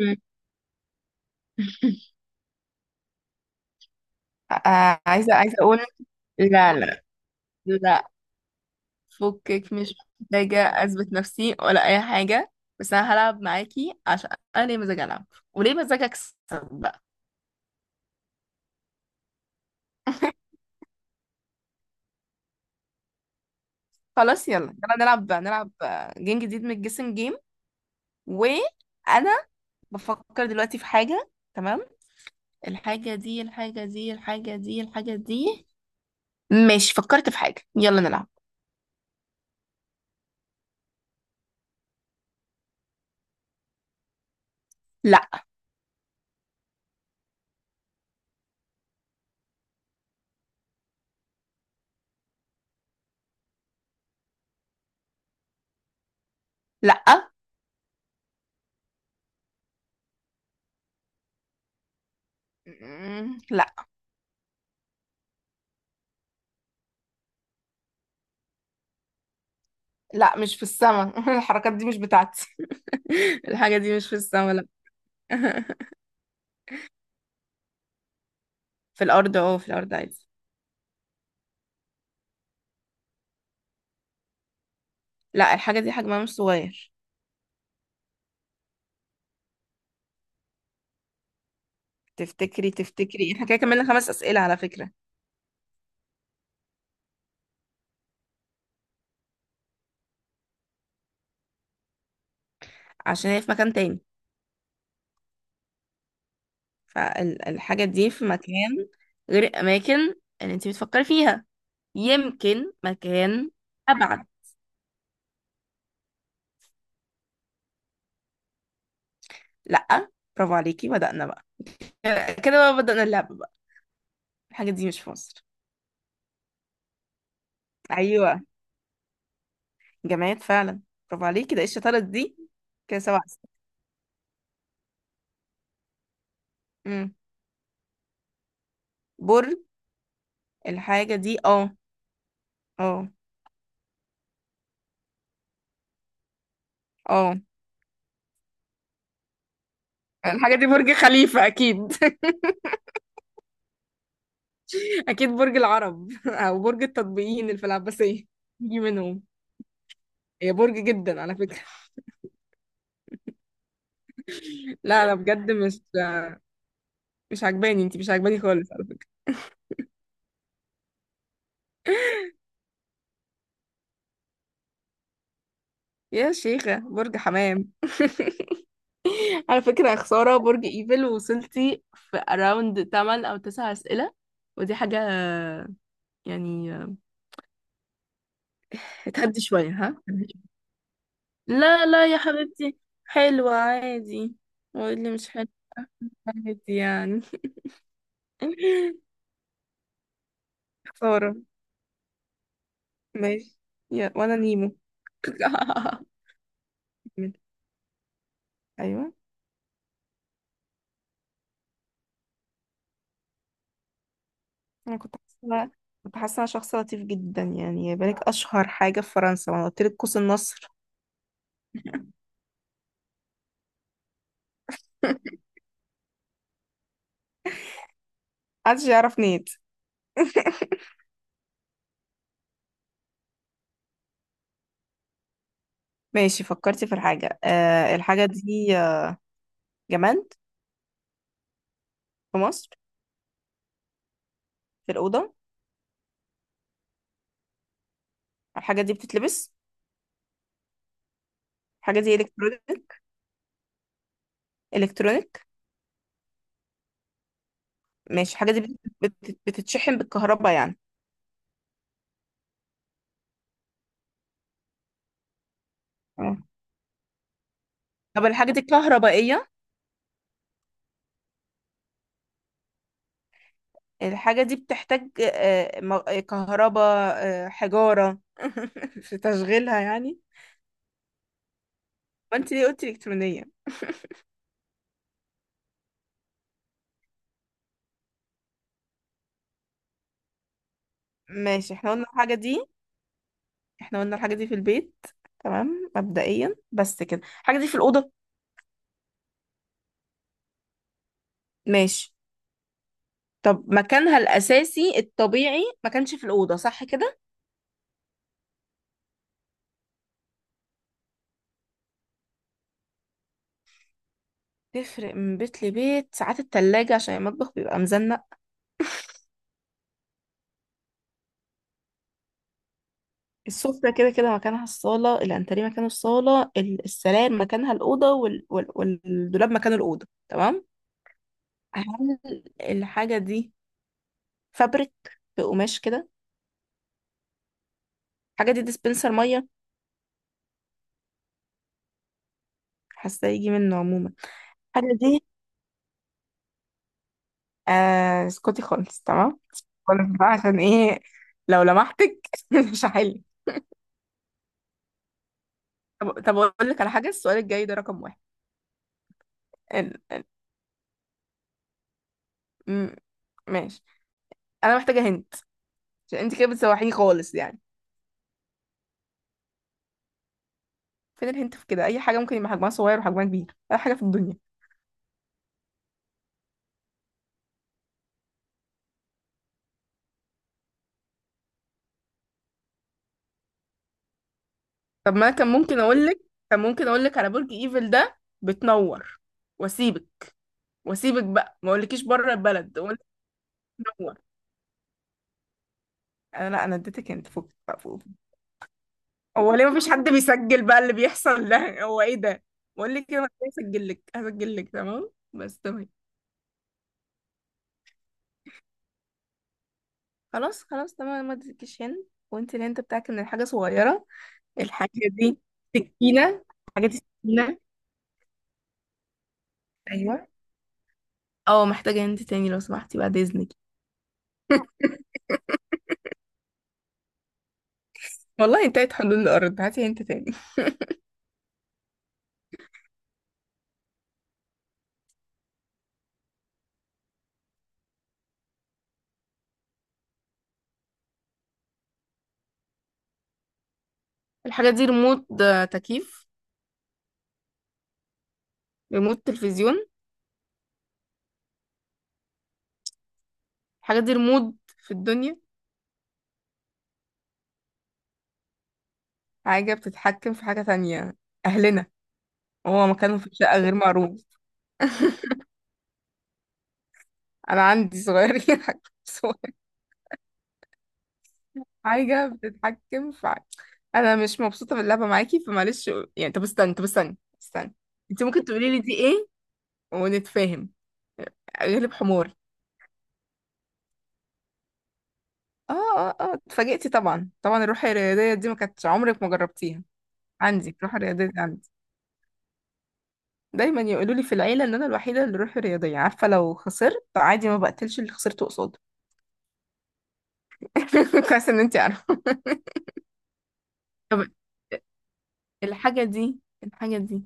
مم. عايزة أقول لا، لا، لا. فكك، مش محتاجة أثبت نفسي ولا أي حاجة. بس أنا هلعب معاكي عشان أنا ليه مزاج ألعب وليه مزاج أكسب بقى. خلاص، يلا يلا نلعب نلعب، جيم جديد من الجيسنج جيم. وأنا بفكر دلوقتي في حاجة. تمام، الحاجة دي. ماشي، فكرت في حاجة، يلا نلعب. لا. لا. مم، لا. لا، مش في السما. الحركات دي مش بتاعتي. الحاجة دي مش في السما، لا. في الأرض عادي. لا، الحاجة دي حجمها مش صغير. تفتكري احنا كده كملنا خمس أسئلة على فكرة؟ عشان هي في مكان تاني، فالحاجة دي في مكان غير الأماكن اللي انت بتفكري فيها، يمكن مكان أبعد. لا. برافو عليكي، بدأنا بقى. كده بقى بدأنا اللعبة بقى. الحاجة دي مش في مصر. أيوة، جماد فعلا. برافو عليكي، ده ايه الشطارة دي؟ كده سبع أسئلة. مم. برج. الحاجة دي، اه. اه. اه، الحاجة دي برج خليفة أكيد. أكيد برج العرب، أو برج التطبيقيين اللي في العباسية، يجي منهم. هي برج جدا على فكرة. لا، أنا بجد مش عجباني، أنتي مش عجباني خالص على فكرة. يا شيخة، برج حمام. على فكرة يا خسارة، برج ايفل وصلتي في أراوند 8 أو 9 أسئلة، ودي حاجة يعني. اتهدي شوية، ها. لا لا يا حبيبتي، حلوة عادي، وقولي مش حلوة. عادي يعني. خسارة. ماشي، يا وانا نيمو. كمل. ايوه. انا كنت حاسه، انا شخص لطيف جدا يعني. يا بالك اشهر حاجه في فرنسا، ما أنا قلت لك قوس النصر. محدش يعرف نيت. ماشي، فكرتي في الحاجه. آه، الحاجه دي، جماد، في مصر، في الاوضه. الحاجه دي بتتلبس. الحاجه دي الكترونيك. الكترونيك. ماشي، الحاجه دي بتتشحن بالكهرباء يعني. آه. طب الحاجه دي كهربائيه؟ الحاجة دي بتحتاج كهرباء، حجارة في تشغيلها يعني. فانت ليه قلتي إلكترونية؟ ماشي، احنا قلنا الحاجة دي في البيت، تمام مبدئيا، بس كده الحاجة دي في الأوضة. ماشي. طب مكانها الأساسي الطبيعي ما كانش في الأوضة، صح كده؟ تفرق من بيت لبيت، ساعات التلاجة عشان المطبخ بيبقى مزنق. السفرة كده كده مكانها الصالة، الأنتريه مكانه الصالة، السراير مكانها الأوضة، والدولاب مكانه الأوضة، تمام. هل الحاجة دي فابريك، بقماش كده؟ الحاجة دي ديسبنسر مية؟ حاسة يجي منه عموما. الحاجة دي، آه، اسكتي خالص. تمام، خالص بقى، عشان ايه لو لمحتك مش هحل. طب اقول لك على حاجة، السؤال الجاي ده رقم واحد. ال... ال... م... ماشي. انا محتاجة هنت، عشان انت كده بتسوحيني خالص يعني. فين الهنت في كده؟ اي حاجة ممكن يبقى حجمها صغير وحجمها كبير، اي حاجة في الدنيا. طب ما انا كان ممكن اقول لك على برج ايفل ده بتنور، واسيبك واسيبك بقى ما اقولكيش بره البلد وانت منور. انا لا انا اديتك انت فوق، فوق. هو ليه مفيش حد بيسجل بقى اللي بيحصل ده؟ هو ايه ده؟ بقول لك انا هسجل لك تمام، بس تمام. خلاص خلاص تمام، ما اديتكيش هنا، وانت الهنت بتاعك ان الحاجه صغيره. الحاجه دي سكينه. حاجه دي سكينه. ايوه. اه، محتاجه هنت تاني لو سمحتي، بعد اذنك. والله انتهت حلول الارض، هاتي هنت تاني. الحاجه دي ريموت، تكييف؟ ريموت تلفزيون؟ الحاجه دي ريموت في الدنيا. حاجة بتتحكم في حاجة تانية. أهلنا؟ هو مكانهم في الشقة غير معروف. أنا عندي صغيرين. حاجة صغير. حاجة بتتحكم في حاجة. أنا مش مبسوطة باللعبة معاكي فمعلش يعني. طب استنى، استنى. أنت ممكن تقولي لي دي إيه، ونتفاهم. غلب حمار. اه اه اه، اتفاجئتي طبعا طبعا. الروح الرياضية دي ما كانتش عمرك ما جربتيها. عندي الروح الرياضية دي، عندي. دايما يقولوا لي في العيلة ان انا الوحيدة اللي روحي رياضية، عارفة لو خسرت عادي ما بقتلش اللي خسرته قصادي. كويس ان انت عارفه. طب الحاجه دي الحاجه دي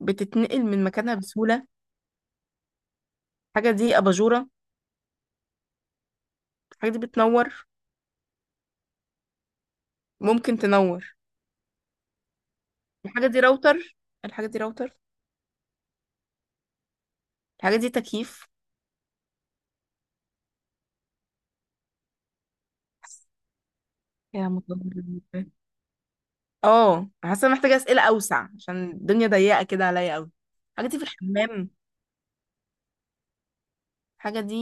بتتنقل من مكانها بسهوله؟ الحاجه دي اباجوره؟ الحاجه دي بتنور، ممكن تنور. الحاجه دي راوتر. الحاجه دي راوتر الحاجه دي تكييف؟ يا مطلع. اه، حاسه محتاجه اسئله اوسع عشان الدنيا ضيقه كده عليا قوي. الحاجه دي في الحمام؟ الحاجه دي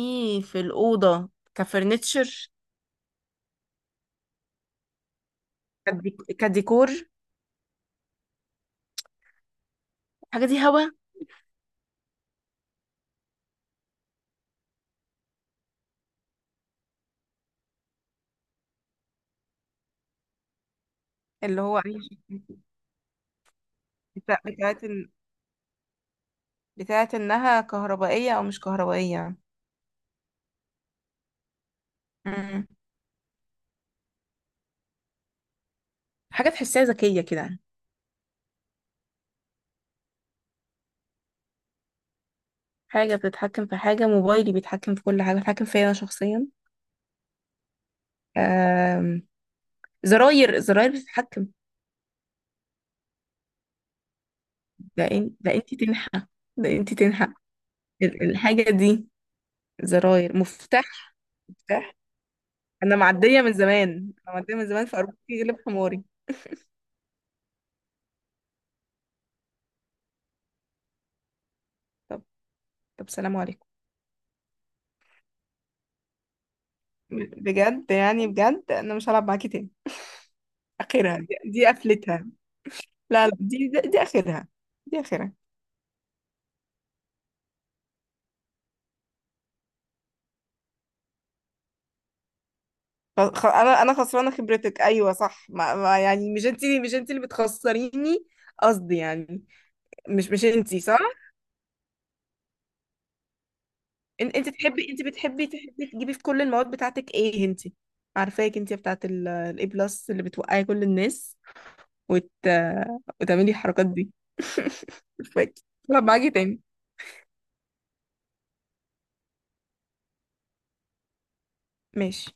في الاوضه، كفرنتشر؟ كديكور؟ الحاجه دي هوا؟ اللي هو اي شيء. بتاعت بتاعت انها كهربائية او مش كهربائية. امم حاجة تحسها ذكية كده. حاجة بتتحكم في حاجة، موبايلي بيتحكم في كل حاجة، بيتحكم فيا انا شخصيا. آم، زراير، زراير بتتحكم. ده انتي تنحى. ده انتي تنحى الحاجة دي زراير مفتاح. مفتاح. انا معدية من زمان، انا معدية من زمان في، ارجوكي غلب حماري. طب طب، سلام عليكم. بجد يعني بجد، انا مش هلعب معاكي تاني. اخرها دي قفلتها. لا لا، دي دي دي اخرها. دي اخرها. انا خسرانه خبرتك. ايوه صح، ما ما يعني مش انت، مش انت اللي بتخسريني. قصدي يعني، مش انت، صح؟ انت بتحبي تجيبي في كل المواد بتاعتك. ايه انت؟ عارفاك انت بتاعت الاي بلس اللي بتوقعي كل الناس، وت... وتعملي الحركات دي. مش فاكر. طب معاكي تاني؟ ماشي.